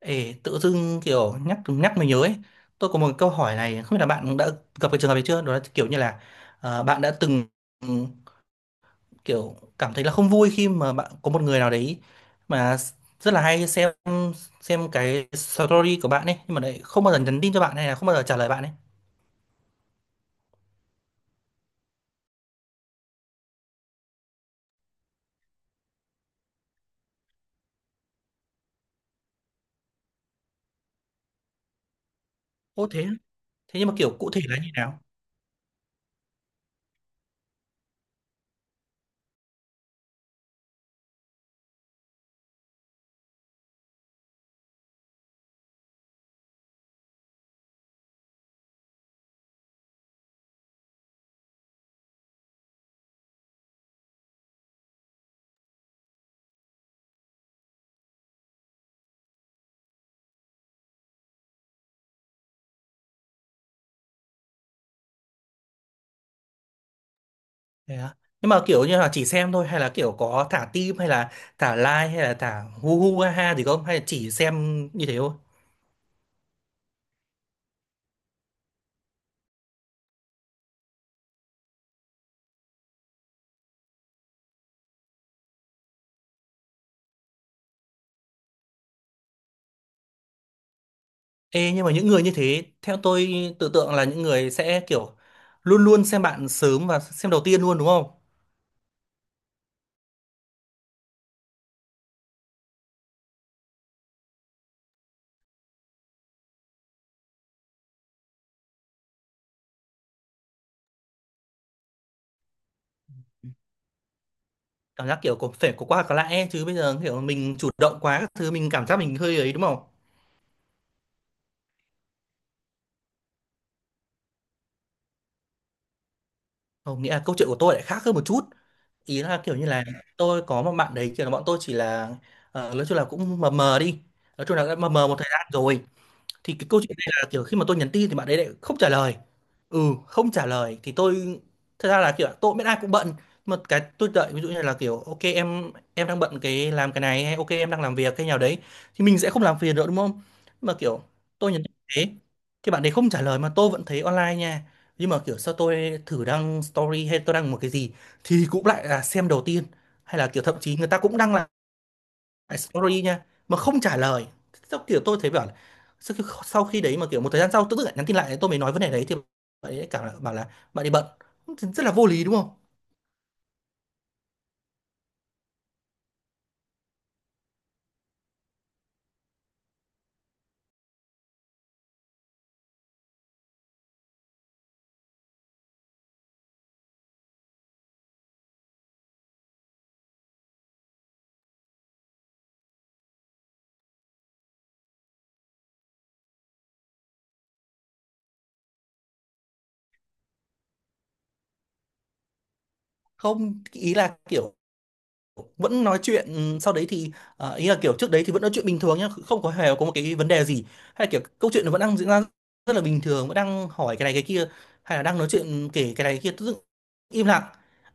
Ê, tự dưng kiểu nhắc nhắc mình nhớ ấy, tôi có một câu hỏi này không biết là bạn đã gặp cái trường hợp này chưa, đó là kiểu như là bạn đã từng ừm, kiểu cảm thấy là không vui khi mà bạn có một người nào đấy mà rất là hay xem cái story của bạn ấy, nhưng mà lại không bao giờ nhắn tin cho bạn, hay là không bao giờ trả lời bạn ấy. Ô thế á? Thế nhưng mà kiểu cụ thể là như nào? Thế á? Nhưng mà kiểu như là chỉ xem thôi, hay là kiểu có thả tim, hay là thả like, hay là thả hu hu ha ha gì không, hay là chỉ xem như thế thôi? Ê, nhưng mà những người như thế, theo tôi tự tượng là những người sẽ kiểu luôn luôn xem bạn sớm và xem đầu tiên luôn, đúng không? Cảm giác kiểu có phải có qua có lại ấy, chứ bây giờ kiểu mình chủ động quá các thứ mình cảm giác mình hơi ấy, đúng không? Không, nghĩa là câu chuyện của tôi lại khác hơn một chút. Ý là kiểu như là tôi có một bạn đấy, kiểu là bọn tôi chỉ là nói chung là cũng mờ mờ đi. Nói chung là đã mờ mờ một thời gian rồi. Thì cái câu chuyện này là kiểu khi mà tôi nhắn tin thì bạn ấy lại không trả lời, ừ, không trả lời thì tôi, thật ra là kiểu tôi cũng biết ai cũng bận, mà cái tôi đợi ví dụ như là kiểu ok em đang bận cái làm cái này, hay ok em đang làm việc cái nào đấy, thì mình sẽ không làm phiền nữa, đúng không? Mà kiểu tôi nhắn tin thế thì bạn đấy không trả lời mà tôi vẫn thấy online nha, nhưng mà kiểu sao tôi thử đăng story hay tôi đăng một cái gì thì cũng lại là xem đầu tiên, hay là kiểu thậm chí người ta cũng đăng story nha mà không trả lời. Sau kiểu tôi thấy bảo là sau khi đấy mà kiểu một thời gian sau tự dưng lại nhắn tin lại, tôi mới nói vấn đề đấy thì bạn ấy lại cảm bảo là bạn ấy bận, rất là vô lý đúng không? Không, ý là kiểu vẫn nói chuyện, ừ, sau đấy thì ý là kiểu trước đấy thì vẫn nói chuyện bình thường nhá, không có hề có một cái vấn đề gì, hay là kiểu câu chuyện nó vẫn đang diễn ra rất là bình thường, vẫn đang hỏi cái này cái kia, hay là đang nói chuyện kể cái này cái kia, tự dưng im lặng.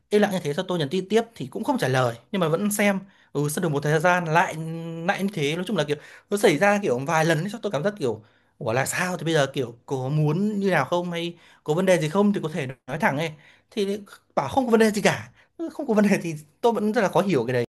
Im lặng như thế sau tôi nhắn tin tiếp thì cũng không trả lời nhưng mà vẫn xem. Ừ, sau được một thời gian lại lại như thế, nói chung là kiểu nó xảy ra kiểu vài lần ấy, sao tôi cảm giác kiểu ủa là sao, thì bây giờ kiểu có muốn như nào không, hay có vấn đề gì không thì có thể nói thẳng ấy, thì bảo không có vấn đề gì cả. Ừ, không có vấn đề thì tôi vẫn rất là khó hiểu cái đấy.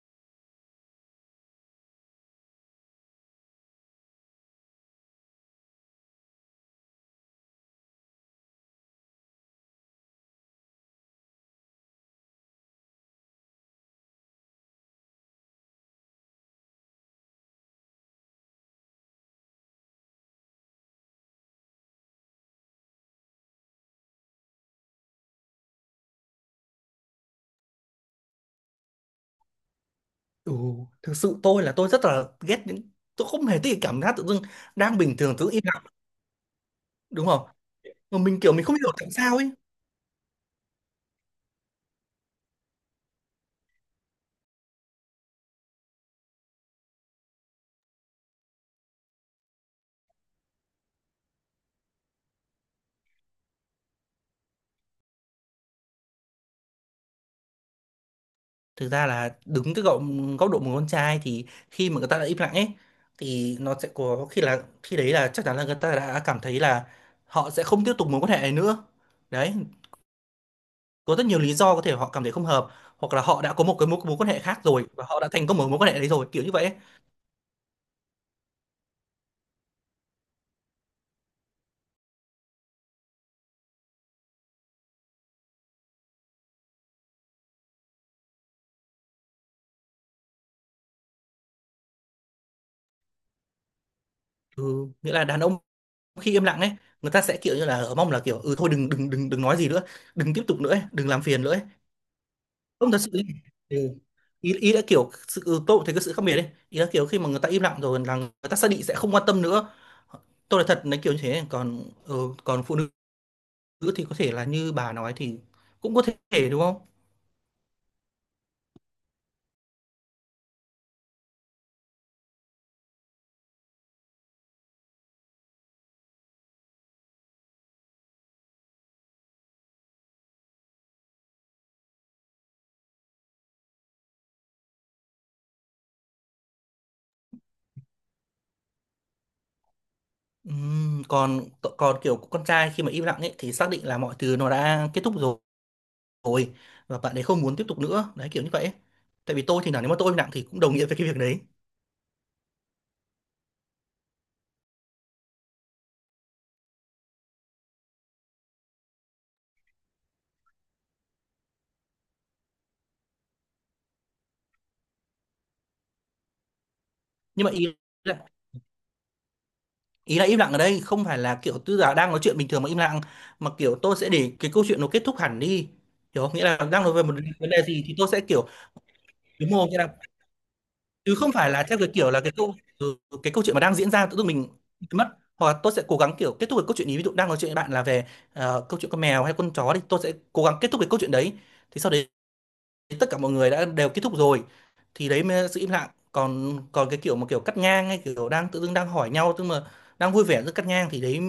Ừ, thực sự tôi là tôi rất là ghét những, tôi không hề thích cái cảm giác tự dưng đang bình thường tự dưng im lặng, đúng không? Mà mình kiểu mình không hiểu tại sao ấy. Thực ra là đứng từ góc góc độ một con trai thì khi mà người ta đã im lặng ấy, thì nó sẽ có khi là khi đấy là chắc chắn là người ta đã cảm thấy là họ sẽ không tiếp tục mối quan hệ này nữa. Đấy, có rất nhiều lý do, có thể họ cảm thấy không hợp, hoặc là họ đã có một cái mối mối quan hệ khác rồi và họ đã thành công ở mối quan hệ đấy rồi, kiểu như vậy ấy. Ừ, nghĩa là đàn ông khi im lặng ấy, người ta sẽ kiểu như là mong là kiểu ừ thôi đừng đừng đừng đừng nói gì nữa, đừng tiếp tục nữa ấy, đừng làm phiền nữa ấy. Không thật sự ấy. Ừ. Ý, ý là kiểu sự, ừ, tôi cũng thấy cái sự khác biệt đấy, ý là kiểu khi mà người ta im lặng rồi là người ta xác định sẽ không quan tâm nữa, tôi là thật nói kiểu như thế. Còn, ừ, còn phụ nữ thì có thể là như bà nói thì cũng có thể, đúng không? Còn, còn kiểu con trai khi mà im lặng ấy thì xác định là mọi thứ nó đã kết thúc rồi, rồi và bạn ấy không muốn tiếp tục nữa đấy, kiểu như vậy ấy. Tại vì tôi thì là nếu mà tôi im lặng thì cũng đồng nghĩa với cái việc đấy. Nhưng mà là, ý là im lặng ở đây không phải là kiểu tư giả đang nói chuyện bình thường mà im lặng, mà kiểu tôi sẽ để cái câu chuyện nó kết thúc hẳn đi, hiểu không? Nghĩa là đang nói về một vấn đề gì thì tôi sẽ kiểu, đúng không, nghĩa là chứ không phải là theo cái kiểu là cái câu, ừ, cái câu chuyện mà đang diễn ra tự dưng mình mất, hoặc là tôi sẽ cố gắng kiểu kết thúc cái câu chuyện ý, ví dụ đang nói chuyện với bạn là về câu chuyện con mèo hay con chó đi, tôi sẽ cố gắng kết thúc cái câu chuyện đấy, thì sau đấy tất cả mọi người đã đều kết thúc rồi thì đấy mới là sự im lặng. Còn, còn cái kiểu mà kiểu cắt ngang, hay kiểu đang tự dưng đang hỏi nhau tức mà đang vui vẻ giữa cắt ngang thì đấy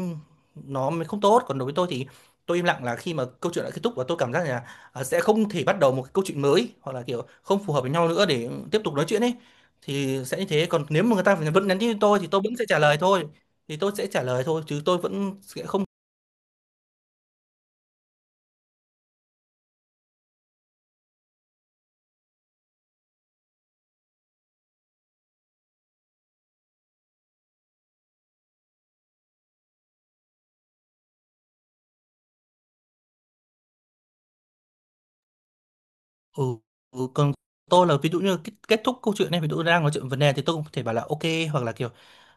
nó mới không tốt. Còn đối với tôi thì tôi im lặng là khi mà câu chuyện đã kết thúc và tôi cảm giác là à, sẽ không thể bắt đầu một cái câu chuyện mới hoặc là kiểu không phù hợp với nhau nữa để tiếp tục nói chuyện ấy, thì sẽ như thế. Còn nếu mà người ta vẫn nhắn tin cho tôi thì tôi vẫn sẽ trả lời thôi, thì tôi sẽ trả lời thôi, chứ tôi vẫn sẽ không. Ừ, ừ, còn tôi là ví dụ như kết thúc câu chuyện này, ví dụ đang nói chuyện vấn đề thì tôi cũng có thể bảo là ok, hoặc là kiểu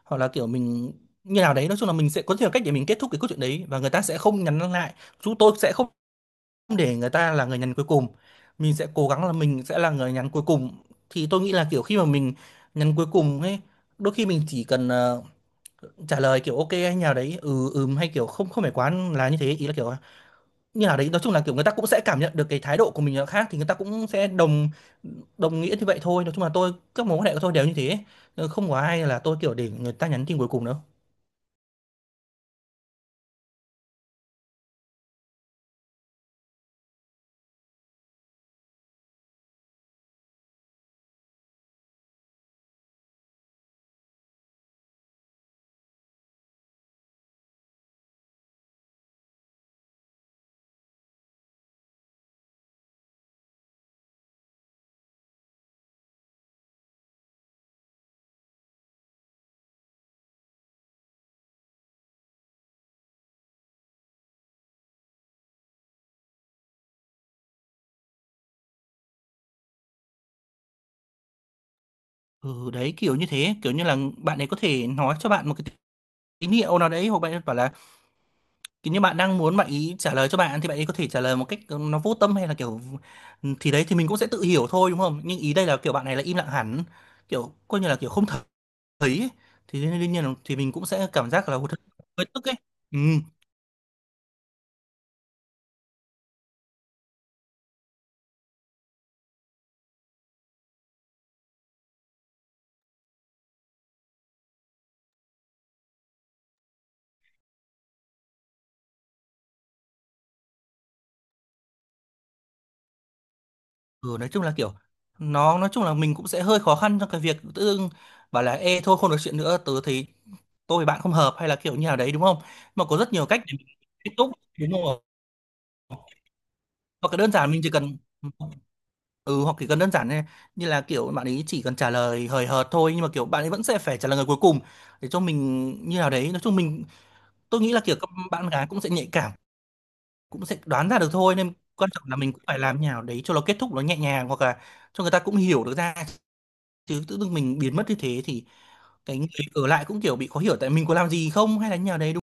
hoặc là kiểu mình như nào đấy, nói chung là mình sẽ có nhiều cách để mình kết thúc cái câu chuyện đấy và người ta sẽ không nhắn lại, chúng tôi sẽ không để người ta là người nhắn cuối cùng, mình sẽ cố gắng là mình sẽ là người nhắn cuối cùng. Thì tôi nghĩ là kiểu khi mà mình nhắn cuối cùng ấy, đôi khi mình chỉ cần trả lời kiểu ok hay nào đấy, ừ ừm, hay kiểu không không phải quá là như thế, ý là kiểu như nào đấy, nói chung là kiểu người ta cũng sẽ cảm nhận được cái thái độ của mình là khác, thì người ta cũng sẽ đồng đồng nghĩa như vậy thôi. Nói chung là tôi các mối quan hệ của tôi đều như thế. Ờ, không có ai là tôi kiểu để người ta nhắn tin cuối cùng đâu. Ừ, đấy kiểu như thế, kiểu như là bạn ấy có thể nói cho bạn một cái tín hiệu nào đấy, hoặc bạn ấy bảo là kiểu như bạn đang muốn bạn ý trả lời cho bạn thì bạn ấy có thể trả lời một cách nó vô tâm hay là kiểu, ừ, thì đấy thì mình cũng sẽ tự hiểu thôi đúng không, nhưng ý đây là kiểu bạn này là im lặng hẳn, kiểu coi như là kiểu không thấy ấy. Thì đương nhiên là thì mình cũng sẽ cảm giác là hụt hơi tức ấy. Ừ. Ừ, nói chung là kiểu nó nói chung là mình cũng sẽ hơi khó khăn trong cái việc tự dưng bảo là ê thôi không được chuyện nữa, tớ thấy tôi với bạn không hợp hay là kiểu như nào đấy, đúng không? Mà có rất nhiều cách để mình kết thúc, đúng không? Hoặc là đơn giản mình chỉ cần, ừ, hoặc chỉ cần đơn giản như, như là kiểu bạn ấy chỉ cần trả lời hời hợt thôi, nhưng mà kiểu bạn ấy vẫn sẽ phải trả lời người cuối cùng để cho mình như nào đấy. Nói chung mình, tôi nghĩ là kiểu các bạn gái cũng sẽ nhạy cảm, cũng sẽ đoán ra được thôi, nên quan trọng là mình cũng phải làm như nào đấy cho nó kết thúc nó nhẹ nhàng, hoặc là cho người ta cũng hiểu được ra. Chứ tự dưng mình biến mất như thế thì cái người ở lại cũng kiểu bị khó hiểu, tại mình có làm gì không hay là như nào đấy, đúng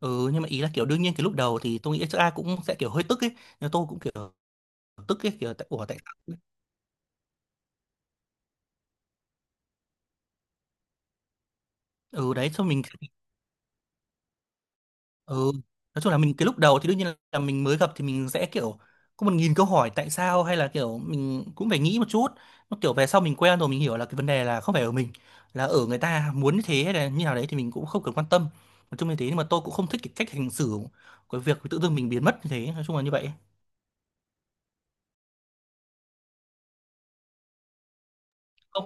không? Ừ, nhưng mà ý là kiểu đương nhiên cái lúc đầu thì tôi nghĩ chắc ai cũng sẽ kiểu hơi tức ấy, nhưng tôi cũng kiểu tức ấy, kiểu tại ủa tại sao. Ừ, đấy cho mình. Ừ, nói chung là mình cái lúc đầu thì đương nhiên là mình mới gặp thì mình sẽ kiểu có 1.000 câu hỏi tại sao hay là kiểu mình cũng phải nghĩ một chút. Nó kiểu về sau mình quen rồi mình hiểu là cái vấn đề là không phải ở mình, là ở người ta muốn như thế hay là như nào đấy thì mình cũng không cần quan tâm. Nói chung như thế, nhưng mà tôi cũng không thích cái cách hành xử của việc tự dưng mình biến mất như thế, nói chung là như vậy. Không,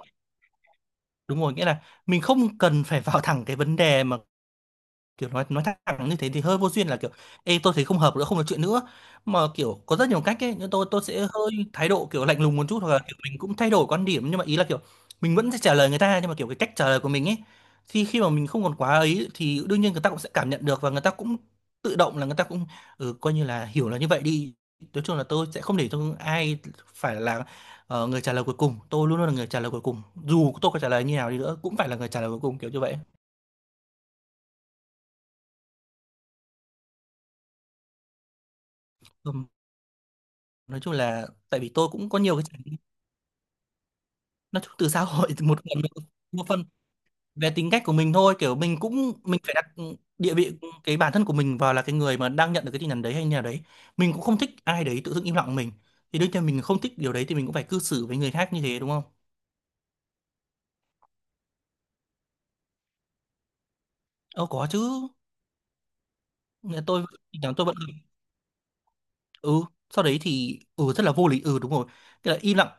đúng rồi, nghĩa là mình không cần phải vào thẳng cái vấn đề mà. Kiểu nói thẳng như thế thì hơi vô duyên, là kiểu ê tôi thấy không hợp nữa, không nói chuyện nữa. Mà kiểu có rất nhiều cách ấy, nhưng tôi sẽ hơi thái độ kiểu lạnh lùng một chút, hoặc là kiểu mình cũng thay đổi quan điểm, nhưng mà ý là kiểu mình vẫn sẽ trả lời người ta, nhưng mà kiểu cái cách trả lời của mình ấy thì khi mà mình không còn quá ấy thì đương nhiên người ta cũng sẽ cảm nhận được, và người ta cũng tự động là người ta cũng, ừ, coi như là hiểu là như vậy đi. Nói chung là tôi sẽ không để cho ai phải là, ờ, người trả lời cuối cùng. Tôi luôn luôn là người trả lời cuối cùng. Dù tôi có trả lời như nào đi nữa cũng phải là người trả lời cuối cùng kiểu như vậy. Nói chung là tại vì tôi cũng có nhiều cái trải nghiệm, nói chung từ xã hội một phần, một phần về tính cách của mình thôi. Kiểu mình cũng mình phải đặt địa vị cái bản thân của mình vào là cái người mà đang nhận được cái tin nhắn đấy hay như nào đấy. Mình cũng không thích ai đấy tự dưng im lặng mình, thì đương nhiên mình không thích điều đấy thì mình cũng phải cư xử với người khác như thế, đúng không? Ờ, có chứ. Nhà tôi tin nhắn tôi vẫn, ừ, sau đấy thì ừ rất là vô lý. Ừ, đúng rồi, thế là im lặng.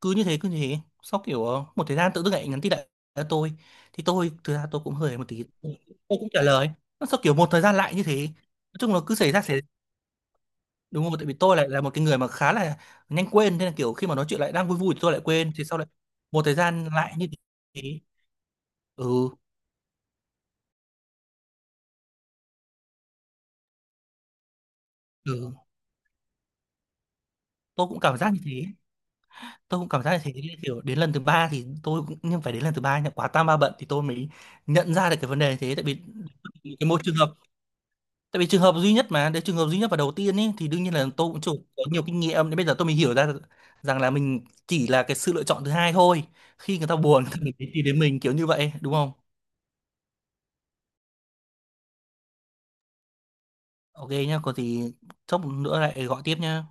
Cứ như thế sau kiểu ờ, một thời gian tự dưng lại nhắn tin lại cho tôi. Thì tôi thực ra tôi cũng hơi một tí, tôi cũng trả lời. Nó sau kiểu một thời gian lại như thế. Nói chung là cứ xảy ra xảy, đúng rồi, tại vì tôi lại là một cái người mà khá là nhanh quên, nên là kiểu khi mà nói chuyện lại đang vui vui thì tôi lại quên, thì sau lại một thời gian lại như thế. Ừ. Ừ, tôi cũng cảm giác như thế. Tôi cũng cảm giác là thế. Kiểu đến lần thứ ba thì tôi cũng, nhưng phải đến lần thứ ba nhá, quá tam ba bận thì tôi mới nhận ra được cái vấn đề thế. Tại vì cái một trường hợp, tại vì trường hợp duy nhất mà đấy, trường hợp duy nhất và đầu tiên ấy, thì đương nhiên là tôi cũng chủ có nhiều kinh nghiệm nên bây giờ tôi mới hiểu ra rằng là mình chỉ là cái sự lựa chọn thứ hai thôi, khi người ta buồn thì người ta mới tìm đến mình kiểu như vậy, đúng không? Ok nhá, có gì chốc nữa lại gọi tiếp nhá.